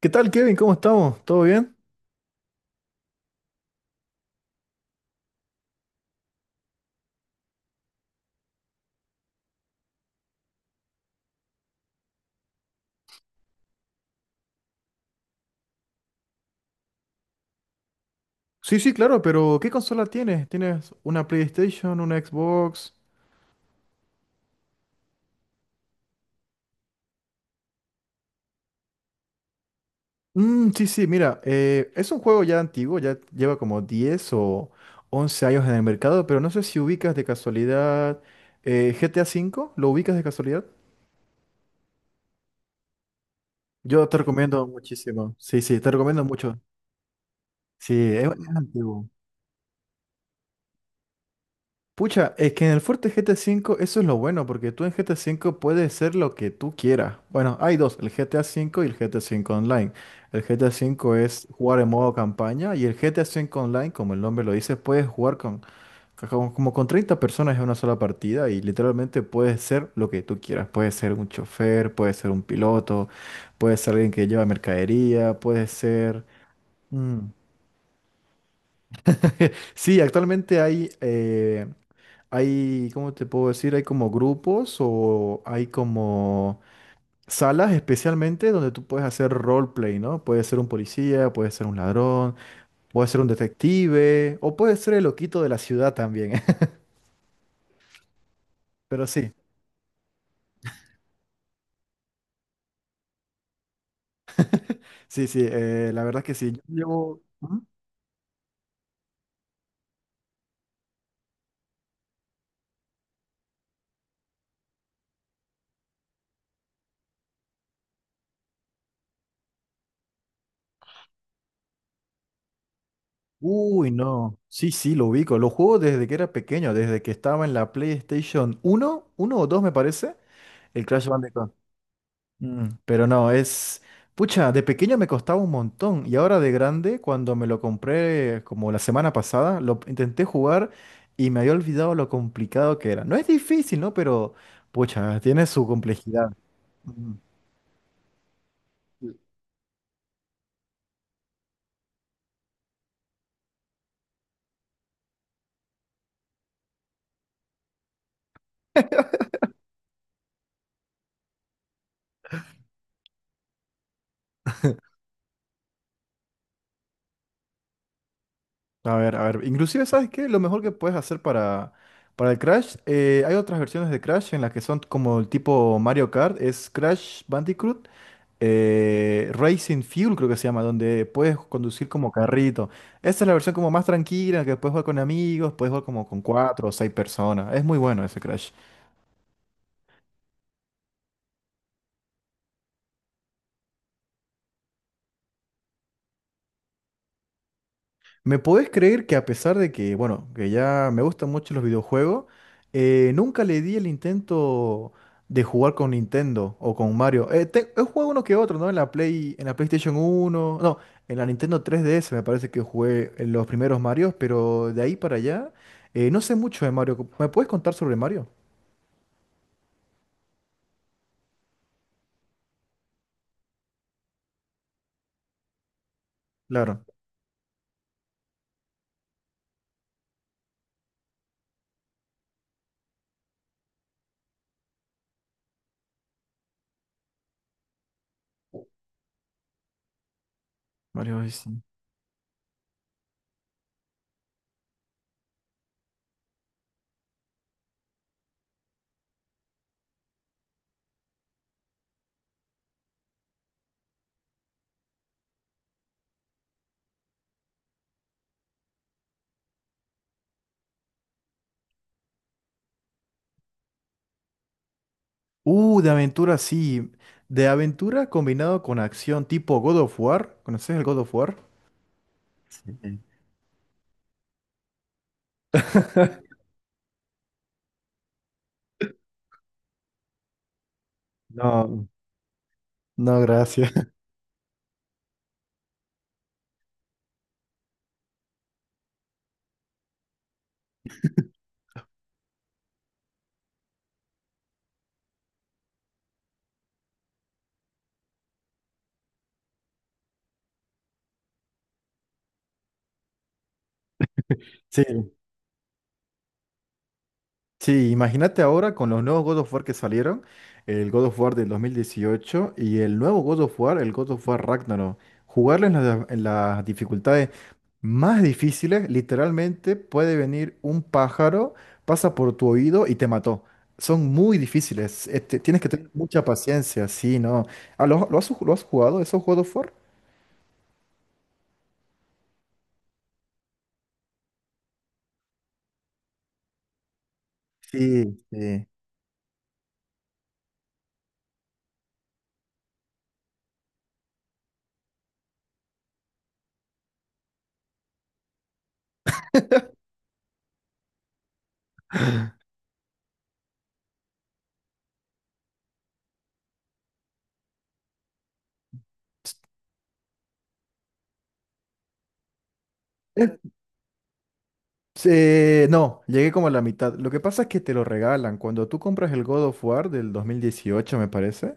¿Qué tal, Kevin? ¿Cómo estamos? ¿Todo bien? Sí, sí, claro, pero ¿qué consola tienes? ¿Tienes una PlayStation, una Xbox? Mm, sí, sí, mira, es un juego ya antiguo, ya lleva como 10 o 11 años en el mercado, pero no sé si ubicas de casualidad GTA V, ¿lo ubicas de casualidad? Yo te recomiendo muchísimo. Sí, sí, te recomiendo mucho. Sí, es antiguo. Pucha, es que en el fuerte GTA V eso es lo bueno, porque tú en GTA V puedes ser lo que tú quieras. Bueno, hay dos, el GTA V y el GTA V Online. El GTA V es jugar en modo campaña y el GTA V Online, como el nombre lo dice, puedes jugar como con 30 personas en una sola partida y literalmente puedes ser lo que tú quieras. Puedes ser un chofer, puedes ser un piloto, puedes ser alguien que lleva mercadería, puedes ser... mm, Sí, actualmente hay, ¿cómo te puedo decir? Hay como grupos o hay como salas especialmente donde tú puedes hacer roleplay, ¿no? Puedes ser un policía, puedes ser un ladrón, puedes ser un detective o puedes ser el loquito de la ciudad también. Pero sí, sí, sí, la verdad que sí. Yo llevo... Ujú. Uy, no. Sí, sí, lo ubico. Lo juego desde que era pequeño, desde que estaba en la PlayStation uno, uno o 2 me parece, el Crash Bandicoot. Mm, pero no, es... Pucha, de pequeño me costaba un montón y ahora de grande, cuando me lo compré como la semana pasada, lo intenté jugar y me había olvidado lo complicado que era. No es difícil, ¿no? Pero, pucha, tiene su complejidad. Mm. A ver, a ver. Inclusive, ¿sabes qué? Lo mejor que puedes hacer para el Crash, hay otras versiones de Crash en las que son como el tipo Mario Kart, es Crash Bandicoot, Racing Fuel creo que se llama, donde puedes conducir como carrito. Esta es la versión como más tranquila, que puedes jugar con amigos, puedes jugar como con cuatro o seis personas. Es muy bueno ese Crash. ¿Me podés creer que a pesar de que, bueno, que ya me gustan mucho los videojuegos, nunca le di el intento de jugar con Nintendo o con Mario? He jugado uno que otro, ¿no? En la PlayStation uno, no, en la Nintendo 3DS me parece que jugué en los primeros Marios, pero de ahí para allá, no sé mucho de Mario. ¿Me puedes contar sobre Mario? Claro. Mario Odyssey. De aventura, sí. De aventura combinado con acción tipo God of War. ¿Conoces el God of War? Sí. No. No, gracias. Sí, sí, imagínate ahora con los nuevos God of War que salieron, el God of War del 2018 y el nuevo God of War, el God of War Ragnarok. Jugarlo en las dificultades más difíciles, literalmente puede venir un pájaro, pasa por tu oído y te mató. Son muy difíciles, este, tienes que tener mucha paciencia, sí, ¿no? Ah, lo has jugado esos God of War? Sí, sí. No, llegué como a la mitad. Lo que pasa es que te lo regalan. Cuando tú compras el God of War del 2018, me parece,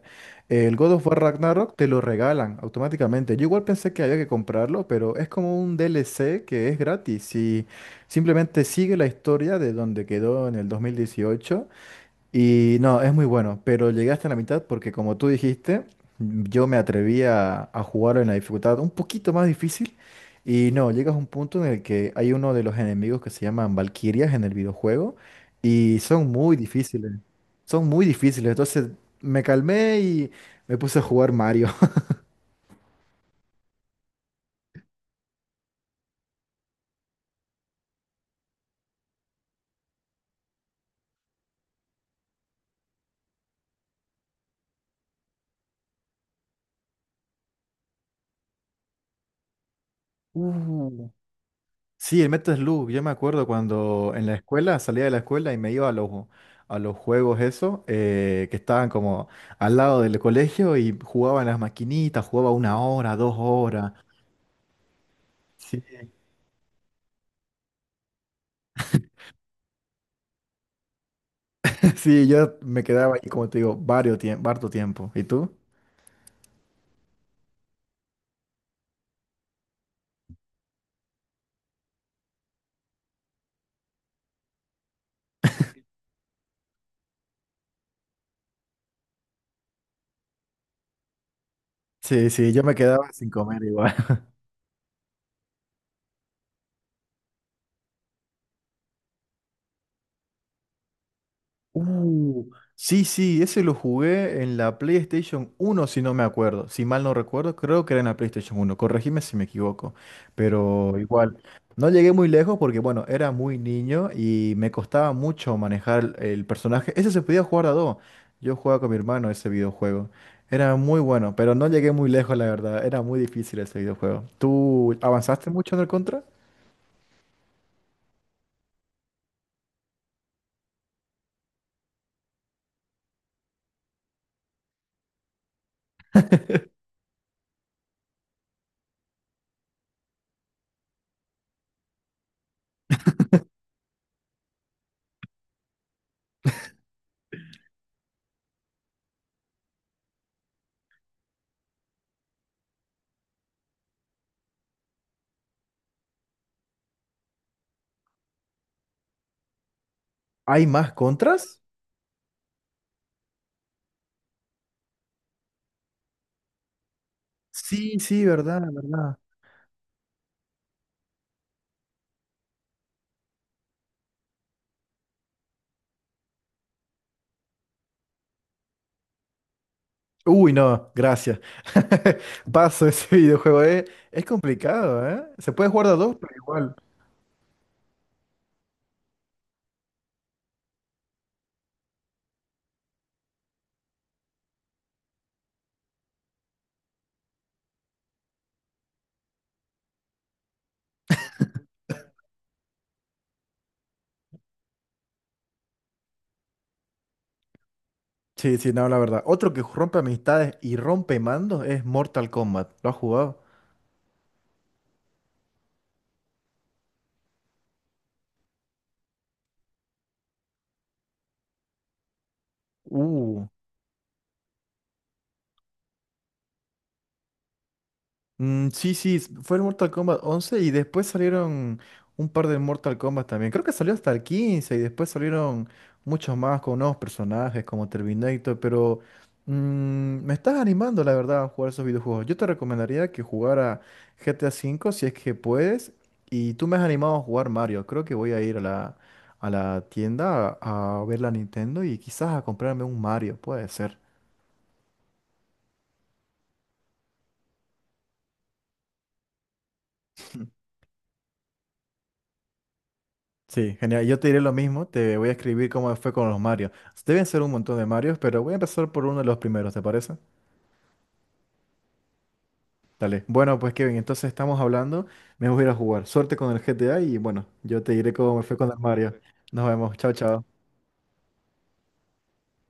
el God of War Ragnarok te lo regalan automáticamente. Yo igual pensé que había que comprarlo, pero es como un DLC que es gratis y simplemente sigue la historia de donde quedó en el 2018. Y no, es muy bueno, pero llegué hasta la mitad porque como tú dijiste, yo me atreví a jugar en la dificultad un poquito más difícil y no, llegas a un punto en el que hay uno de los enemigos que se llaman Valquirias en el videojuego y son muy difíciles, entonces me calmé y me puse a jugar Mario. Uh. Sí, el Metasloop, yo me acuerdo cuando en la escuela, salía de la escuela y me iba a los juegos eso, que estaban como al lado del colegio y jugaba en las maquinitas, jugaba una hora, dos horas. Sí, sí, yo me quedaba ahí, como te digo, varios tiempo, harto tiempo. ¿Y tú? Sí, sí, yo me quedaba sin comer igual. Uh, sí, sí, ese lo jugué en la PlayStation uno, si no me acuerdo. Si mal no recuerdo, creo que era en la PlayStation uno. Corregime si me equivoco. Pero igual, no llegué muy lejos porque, bueno, era muy niño y me costaba mucho manejar el personaje. Ese se podía jugar a dos. Yo jugaba con mi hermano ese videojuego. Era muy bueno, pero no llegué muy lejos, la verdad. Era muy difícil ese videojuego. ¿Tú avanzaste mucho en el Contra? ¿Hay más Contras? Sí, sí, verdad, verdad. Uy, no, gracias. Paso ese videojuego, eh. Es complicado, ¿eh? Se puede jugar de a dos, pero igual. Sí, sí, no, la verdad. Otro que rompe amistades y rompe mandos es Mortal Kombat. ¿Lo has jugado? Uh. Mm, sí, sí, fue el Mortal Kombat 11 y después salieron un par de Mortal Kombat también. Creo que salió hasta el 15 y después salieron muchos más con nuevos personajes como Terminator, pero mm, me estás animando, la verdad, a jugar esos videojuegos. Yo te recomendaría que jugara GTA V si es que puedes y tú me has animado a jugar Mario. Creo que voy a ir a la tienda a ver la Nintendo y quizás a comprarme un Mario, puede ser. Sí, genial. Yo te diré lo mismo, te voy a escribir cómo fue con los Marios. Deben ser un montón de Marios, pero voy a empezar por uno de los primeros, ¿te parece? Dale. Bueno, pues Kevin, entonces estamos hablando, me voy a ir a jugar. Suerte con el GTA y bueno, yo te diré cómo me fue con el Mario. Nos vemos, chao, chao.